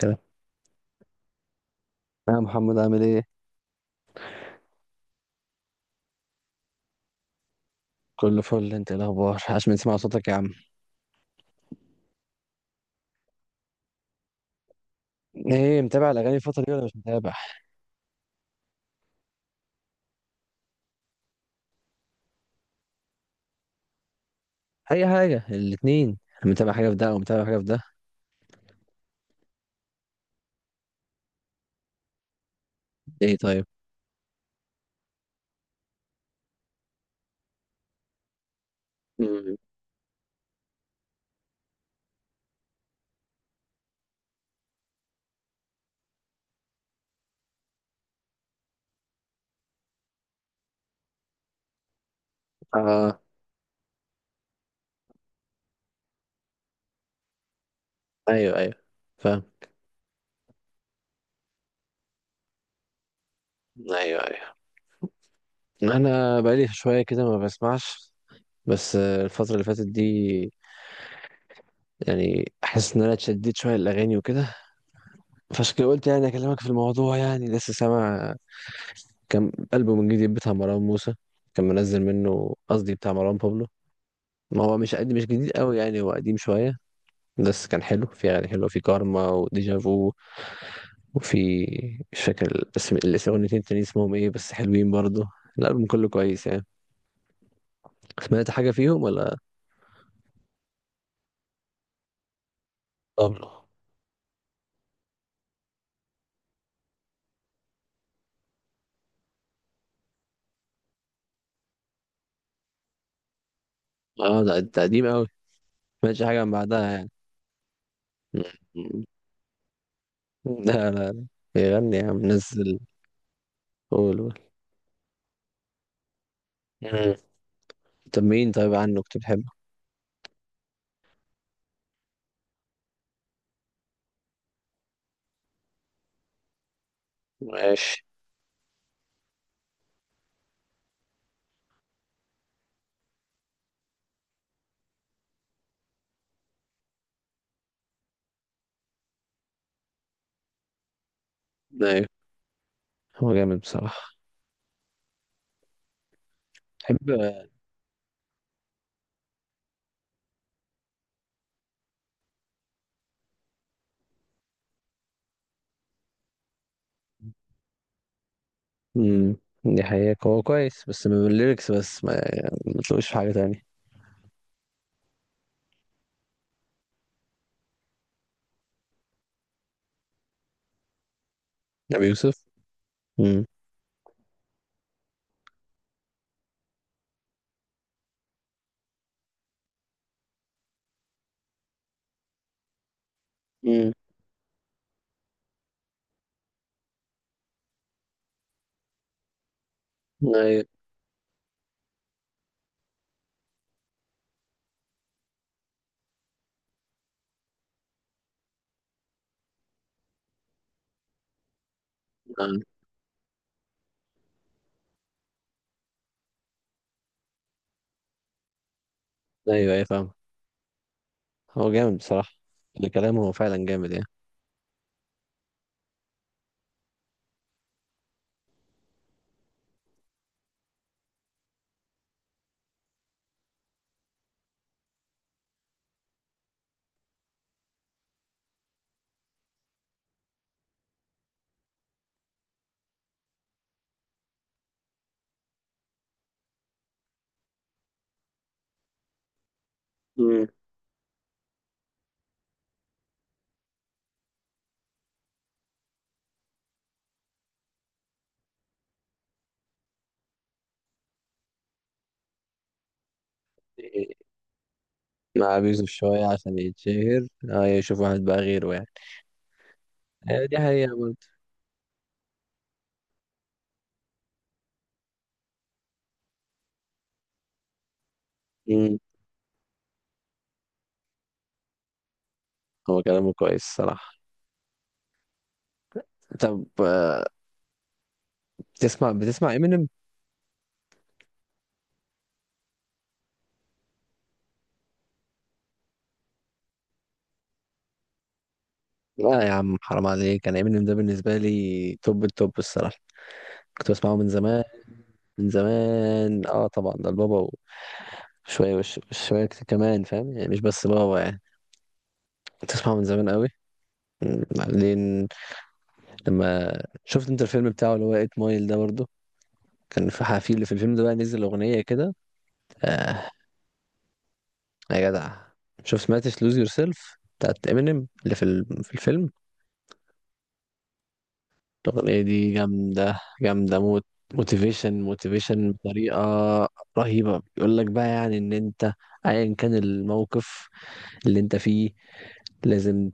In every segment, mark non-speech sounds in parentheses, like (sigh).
كلام. يا محمد، عامل ايه؟ كله فل. انت ايه الاخبار عشان نسمع صوتك يا عم؟ ايه، متابع الاغاني الفترة دي ولا مش متابع؟ اي حاجة، الاتنين. متابع حاجة في ده او متابع حاجة في ده؟ ايه طيب؟ امم. اه، ايوه ايوه فاهم. ايوه ايوه. انا بقالي شوية كده ما بسمعش، بس الفترة اللي فاتت دي يعني احس ان انا اتشددت شوية الاغاني وكده. فعشان كده قلت يعني اكلمك في الموضوع. يعني لسه سامع كم ألبوم من جديد بتاع مروان موسى كان منزل منه؟ قصدي بتاع مروان بابلو. ما هو مش قد مش جديد قوي يعني، هو قديم شوية، بس كان حلو، في أغاني حلوة في كارما وديجافو، وفي مش فاكر الاسم، الاتنين التانيين اسمهم ايه، بس حلوين برضه. الألبوم كله كويس يعني. سمعت حاجة فيهم ولا؟ طبعا. اه، ده قديم قوي. سمعتش حاجة من بعدها يعني؟ م- م- لا لا لا، يغني يا عم، نزل. قول قول. مم. طب مين طيب عنه كنت بتحبه؟ ماشي. ايوه، هو جامد بصراحة. بحب. امم. دي حقيقة، هو كويس بس من الليركس بس، ما يعني ما تلاقوش في حاجة تانية. أبي يوسف. امم امم. أيوة. آه. أيوة أيوة فاهم. هو جامد بصراحة. الكلام هو فعلا جامد يعني. امم. مع أبي يوسف شوية عشان يتشهر، يشوف واحد بقى غيره يعني. آه، دي حقيقة برضه. امم. هو كلامه كويس صراحة. طب، بتسمع إمينيم؟ لا يا عم، حرام عليك، أنا إمينيم ده بالنسبة لي توب التوب الصراحة. كنت بسمعه من زمان. من زمان، اه طبعا، ده البابا. شوية، شوية كمان، فاهم يعني، مش بس بابا يعني. تسمعه من زمان قوي. بعدين لما شفت انت الفيلم بتاعه، اللي هو ايت مايل ده برضه، كان في حفيل في الفيلم ده، بقى نزل أغنية كده. آه. يا جدع، شوف، سمعتش لوز يور سيلف بتاعت امينيم اللي في الفيلم؟ الأغنية دي جامدة جامدة موت. موتيفيشن موتيفيشن بطريقة رهيبة. بيقول لك بقى يعني ان انت ايا كان الموقف اللي انت فيه، لازم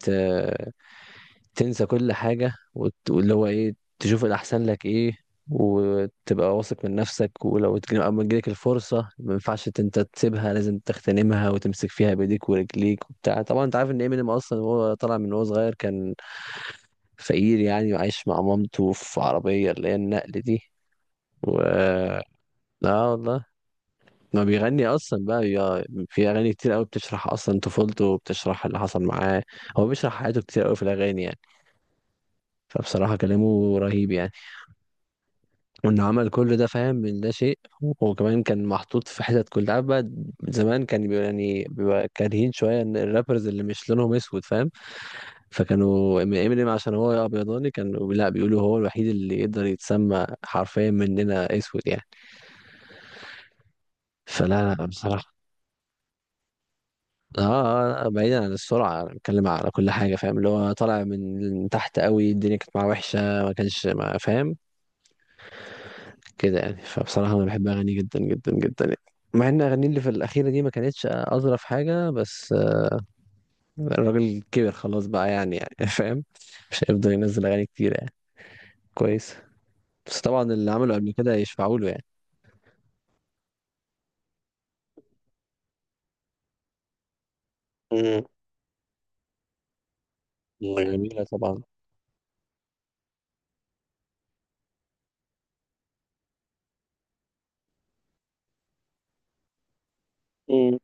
تنسى كل حاجة، واللي هو ايه، تشوف الأحسن لك ايه، وتبقى واثق من نفسك، ولو أما تجيلك الفرصة ما ينفعش انت تسيبها، لازم تغتنمها وتمسك فيها بإيديك ورجليك وبتاع. طبعا انت عارف ان امينيم اصلا، وهو طالع من وهو صغير، كان فقير يعني، وعايش مع مامته في عربية اللي هي النقل دي، و. لا والله، ما بيغني اصلا بقى، بيبقى في اغاني كتير قوي بتشرح اصلا طفولته وبتشرح اللي حصل معاه. هو بيشرح حياته كتير قوي في الاغاني يعني. فبصراحة كلامه رهيب يعني. وانه عمل كل ده، فاهم، من ده شيء، وكمان كان محطوط في حتت كلها، عارف بقى. زمان كان بيبقى يعني بيبقى كارهين شويه ان الرابرز اللي مش لونهم اسود، فاهم؟ فكانوا امينيم عشان هو ابيضاني كانوا لا بيقولوا هو الوحيد اللي يقدر يتسمى حرفيا مننا اسود يعني. فلا لا بصراحه. اه، بعيدا عن السرعه، أنا بتكلم على كل حاجه، فاهم، اللي هو طالع من تحت قوي، الدنيا كانت معاه وحشه، ما كانش ما فاهم كده يعني. فبصراحة أنا بحب أغانيه جدا جدا جدا يعني. مع إن أغانيه اللي في الأخيرة دي ما كانتش أظرف حاجة، بس الراجل كبر خلاص بقى يعني (laughs) فاهم، مش هيفضل ينزل أغاني كتير يعني. كويس. بس طبعا اللي عمله قبل كده يشفعوا له يعني. مم. جميلة طبعا. مم.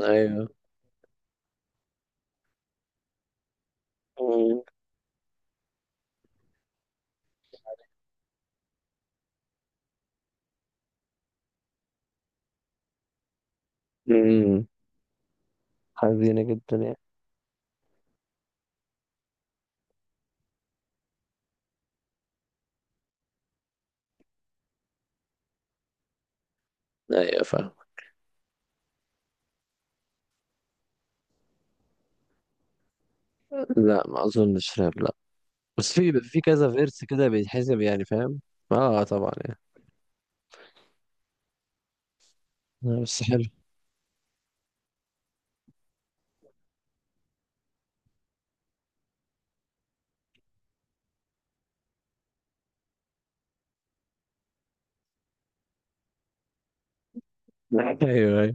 أيوه. مم. امم. حزينة جدا يعني. ايوه فاهم. لا ما اظنش راب، لا. بس في، بيبقى في كذا فيرس كده بيتحسب يعني، فاهم. اه طبعا يعني. آه، بس حلو. (laughs) ايوه أيوة.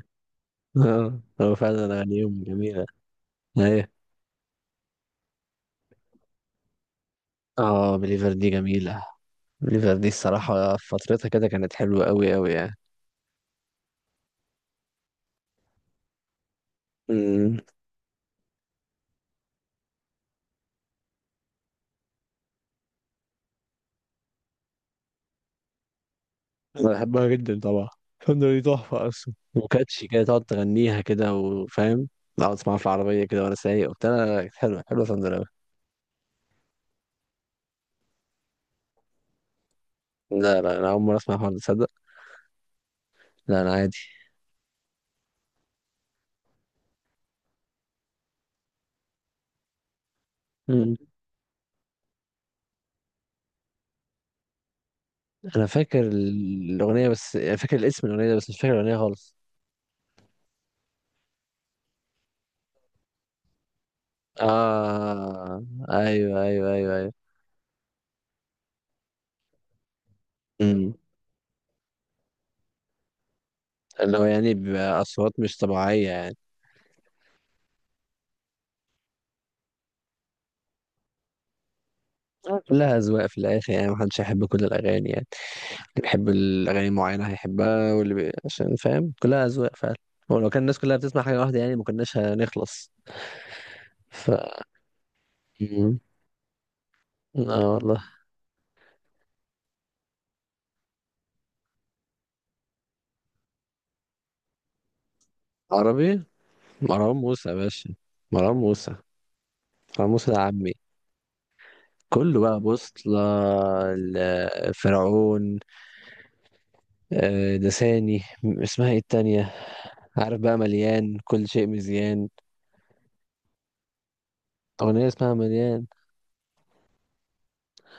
اه هو فعلا اغانيهم جميله. ايوه. اه، بليفر دي جميله. بليفر دي الصراحه في فترتها كده كانت حلوه قوي قوي يعني. امم. انا بحبها جدا طبعا. فندق دي تحفه اصلا، وكاتشي كده تقعد تغنيها كده، وفاهم، اقعد اسمعها في العربيه كده وانا سايق وبتاع. لا، لا، كانت حلوه حلوه فندق أوي. لا لا، انا اول مره اسمع حوار ده، تصدق. لا، انا عادي. مم. انا فاكر الاغنيه، بس فاكر الاسم الاغنيه ده، بس مش فاكر الاغنيه خالص. اه ايوه ايوه ايوه ايوه. مم. اللي هو يعني بأصوات مش طبيعية يعني. آه، كلها أذواق في الآخر يعني، محدش هيحب كل الأغاني يعني، اللي بيحب الأغاني معينة هيحبها، واللي عشان فاهم، كلها أذواق فعلا. ولو كان الناس كلها بتسمع حاجة واحدة يعني ما كناش هنخلص. ف. مم. آه والله. عربي، مروان موسى يا باشا. مروان موسى. مروان موسى ده عمي. كله بقى بوصلة. فرعون. لساني، اسمها ايه التانية؟ عارف بقى، مليان كل شيء مزيان، أغنية اسمها مليان.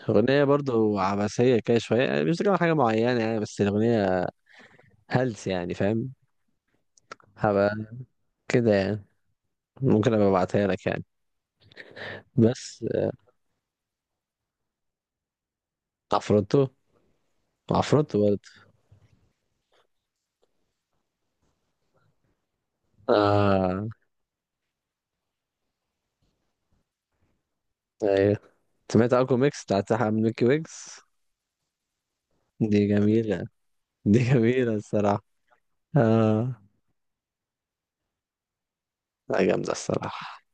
أغنية برضو عبثية كده شوية يعني، مش بتكلم عن حاجة معينة يعني، بس الأغنية هلس يعني، فاهم. هبقى كده يعني، ممكن أبقى أبعتها لك يعني. بس. عفروتو. عفروتو برضه. آه. أيوة. سمعت أكو ميكس بتاعت أحمد ميكي ويكس؟ دي جميلة. دي جميلة الصراحة. آه. لا، جامدة الصراحة.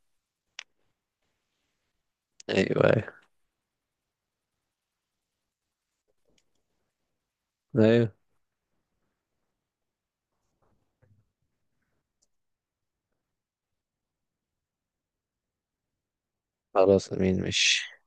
أيوة أيوة أيوة. خلاص أمين، ماشي.